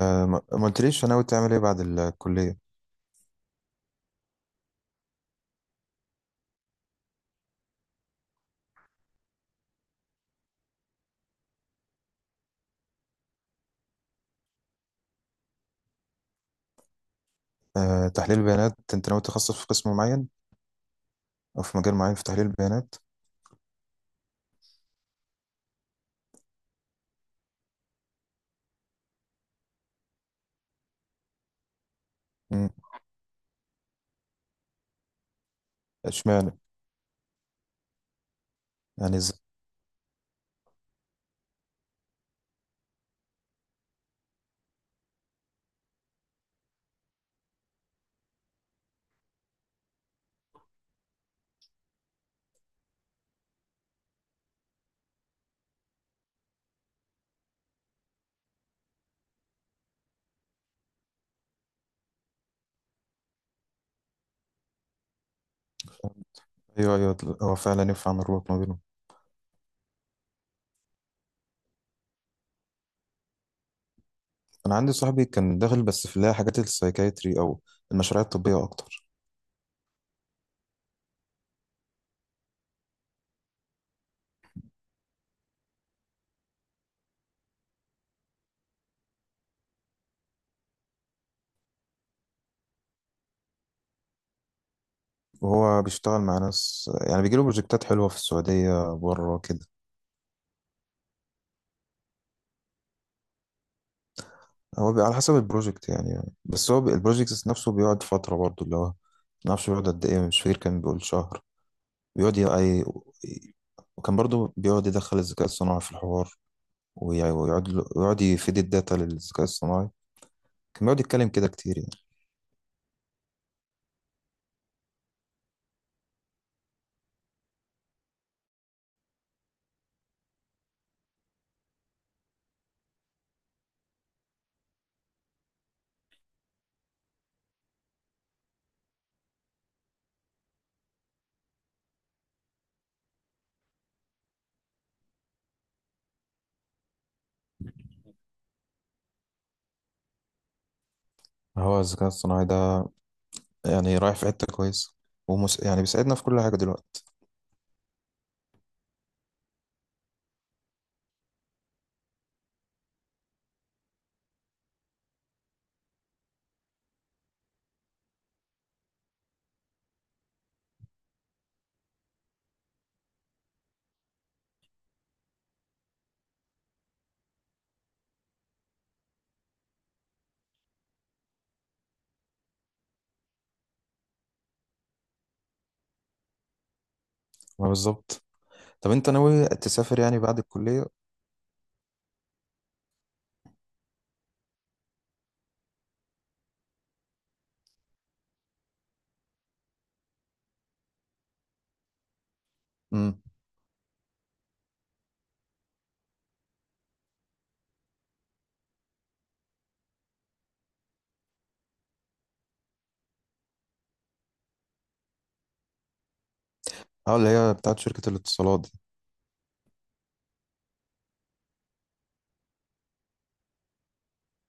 ما قلتليش ناوي تعمل ايه بعد الكلية؟ تحليل البيانات، انت ناوي تخصص في قسم معين او في مجال معين في تحليل البيانات؟ مم، اشمعنى؟ يعني ازاي؟ ايوه ايوه، هو فعلا ينفع نربط ما بينهم. انا عندي صاحبي كان داخل بس في اللي هي حاجات السايكايتري او المشاريع الطبية اكتر. وهو بيشتغل مع ناس، يعني بيجيله بروجكتات حلوة في السعودية بره كده. هو على حسب البروجكت يعني، بس هو البروجكت نفسه بيقعد فترة برضه، اللي هو ما اعرفش بيقعد قد ايه، مش فاكر، كان بيقول شهر. بيقعد ي- أي... وكان برضو بيقعد يدخل الذكاء الصناعي في الحوار، ويقعد يفيد الداتا للذكاء الصناعي. كان بيقعد يتكلم كده كتير يعني. هو الذكاء الصناعي ده يعني رايح في حتة كويسة، يعني بيساعدنا في كل حاجة دلوقتي. ما بالظبط. طب انت ناوي تسافر يعني بعد الكلية؟ امم. اه، اللي هي بتاعت شركة الاتصالات دي.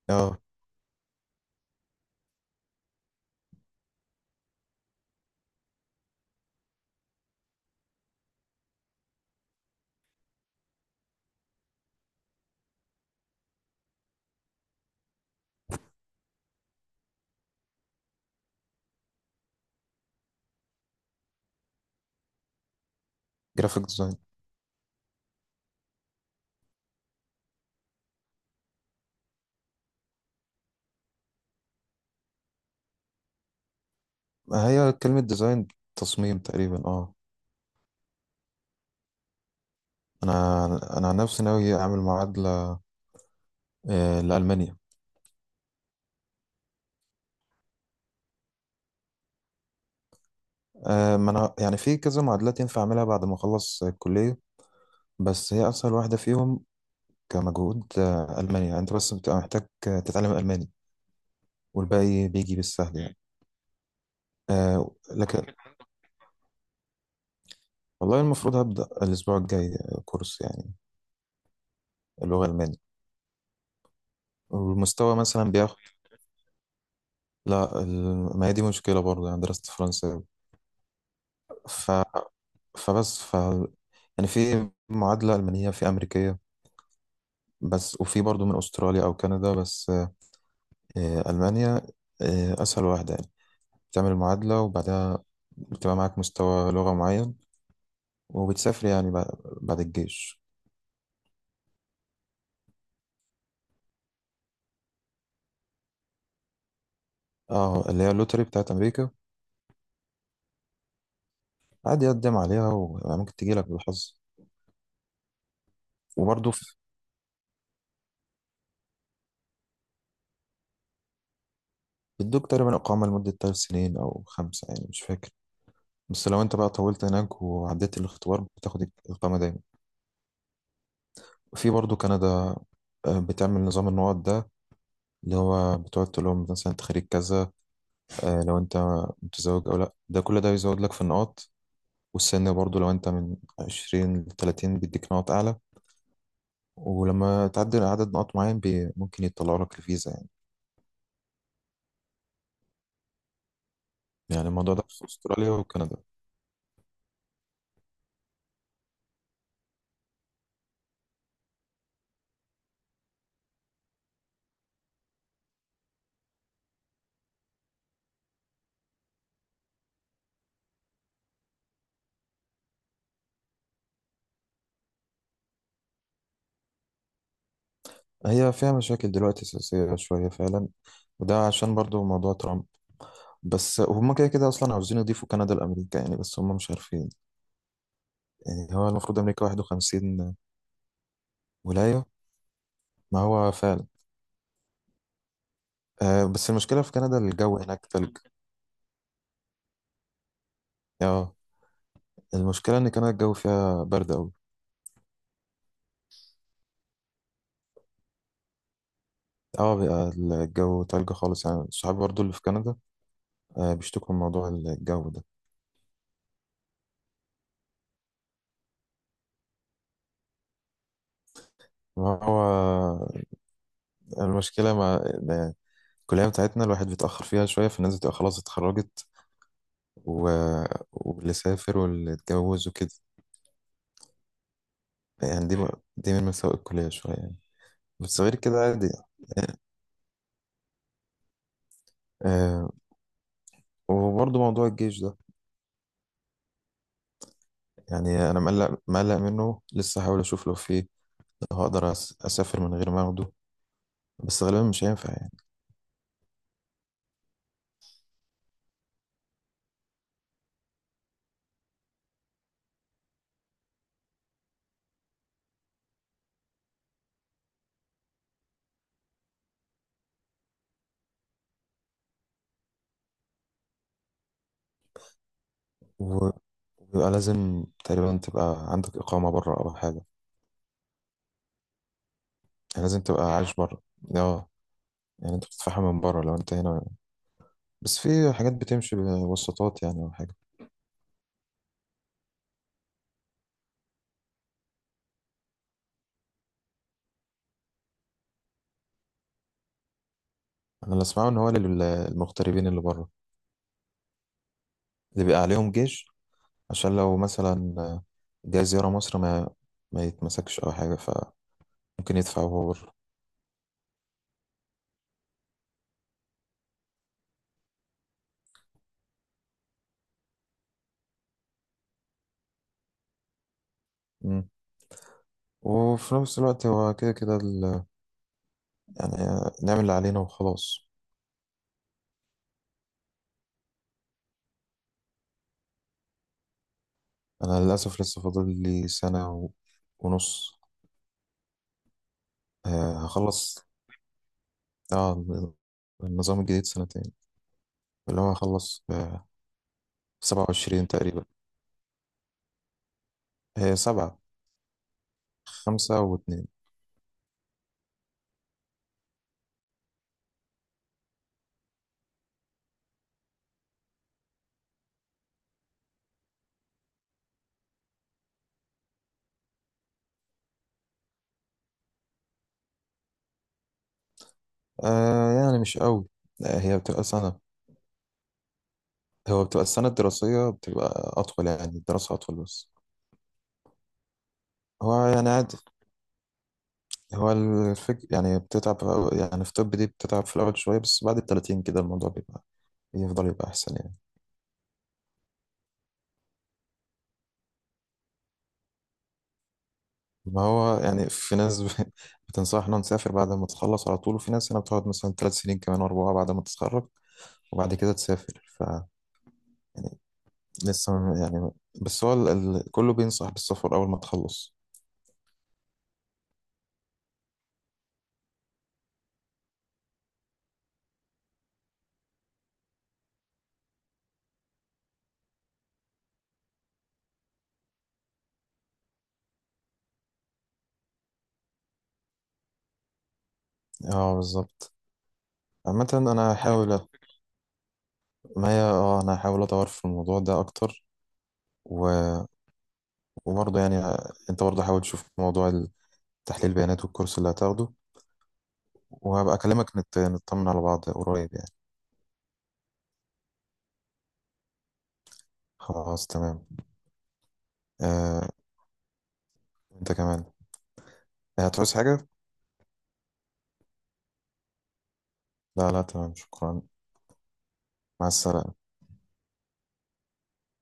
اه. جرافيك ديزاين. ما هي كلمة ديزاين تصميم تقريبا، اه. انا عن نفسي ناوي اعمل معادلة، لألمانيا. ما انا يعني في كذا معادلات ينفع اعملها بعد ما اخلص الكليه، بس هي اسهل واحده فيهم كمجهود. المانيا يعني انت بس بتبقى محتاج تتعلم الماني، والباقي بيجي بالسهل يعني. لكن والله المفروض هبدا الاسبوع الجاي كورس يعني اللغه الالمانيه، والمستوى مثلا بياخد. لا، ما هي دي مشكله برضه، يعني درست فرنسا. ف... فبس ف يعني في معادله المانيه، في امريكيه بس، وفي برضه من استراليا او كندا بس. المانيا اسهل واحده يعني. تعمل المعادلة وبعدها بتبقى معاك مستوى لغة معين، وبتسافر يعني بعد بعد الجيش. اه، اللي هي اللوتري بتاعت أمريكا. عادي يقدم عليها وممكن تجيلك بالحظ. وبرضه في- بيدوك تقريبا إقامة لمدة تلات سنين أو خمسة، يعني مش فاكر. بس لو أنت بقى طولت هناك وعديت الاختبار بتاخد الإقامة دايما. في برضه كندا، بتعمل نظام النقط ده، اللي هو بتقعد تقول لهم مثلا أنت خريج كذا، لو أنت متزوج أو لأ، ده كل ده بيزود لك في النقط. والسن برضو، لو انت من 20 ل 30 بيديك نقط اعلى. ولما تعدي عدد نقط معين بي ممكن يطلعوا لك الفيزا يعني. يعني الموضوع ده في استراليا وكندا. هي فيها مشاكل دلوقتي سياسية شوية فعلا، وده عشان برضو موضوع ترامب. بس هم كده كده اصلا عاوزين يضيفوا كندا لامريكا يعني، بس هم مش عارفين. يعني هو المفروض امريكا 51 ولاية، ما هو فعلا. آه، بس المشكلة في كندا الجو هناك تلج. اه، المشكلة ان كندا الجو فيها برد. اه، بيبقى الجو تلج خالص يعني. صحابي برضو اللي في كندا بيشتكوا من موضوع الجو ده. ما هو المشكلة مع الكلية بتاعتنا الواحد بيتأخر فيها شوية، فالناس بتبقى خلاص اتخرجت و... واللي سافر واللي اتجوز وكده. يعني دي من مساوئ الكلية شوية يعني، بس غير كده عادي. آه. وبرضه موضوع الجيش ده، يعني أنا مقلق منه لسه. هحاول أشوف لو في أسافر من غير ما أخده، بس غالبا مش هينفع. يعني بيبقى لازم تقريبا تبقى عندك إقامة بره أو حاجة، يعني لازم تبقى عايش بره. اه، يعني انت بتدفعها من بره لو انت هنا، بس في حاجات بتمشي بواسطات يعني او حاجة. انا اللي اسمعه ان هو للمغتربين اللي بره اللي بيبقى عليهم جيش، عشان لو مثلا جاي زيارة مصر ما يتمسكش او حاجة، فممكن يدفع وهو بره. مم. وفي نفس الوقت هو كده كده يعني نعمل اللي علينا وخلاص. انا للاسف لسه فاضل لي سنة ونص. هخلص. اه، النظام الجديد سنتين، اللي هو هخلص في سبعة وعشرين تقريبا. هي سبعة، خمسة واتنين. آه يعني مش قوي. لا، هي بتبقى سنة. هو بتبقى السنة الدراسية بتبقى أطول، يعني الدراسة أطول بس. هو يعني عادي. هو الفكر يعني، بتتعب يعني في طب دي بتتعب في الأول شوية، بس بعد التلاتين كده الموضوع بيبقى يفضل يبقى أحسن يعني. ما هو يعني في ناس بتنصحنا نسافر بعد ما تخلص على طول، وفي ناس هنا بتقعد مثلا تلات سنين كمان أربعة بعد ما تتخرج وبعد كده تسافر. يعني يعني، بس هو كله بينصح بالسفر أول ما تخلص. اه بالظبط. عامة أنا هحاول، ما هي اه أنا هحاول أدور في الموضوع ده أكتر و... وبرضه يعني أنت برضه حاول تشوف موضوع تحليل البيانات والكورس اللي هتاخده، وهبقى نطمن على بعض قريب يعني. خلاص تمام. آه... أنت كمان. هتعوز حاجة؟ لا لا تمام شكرا. مع السلامة.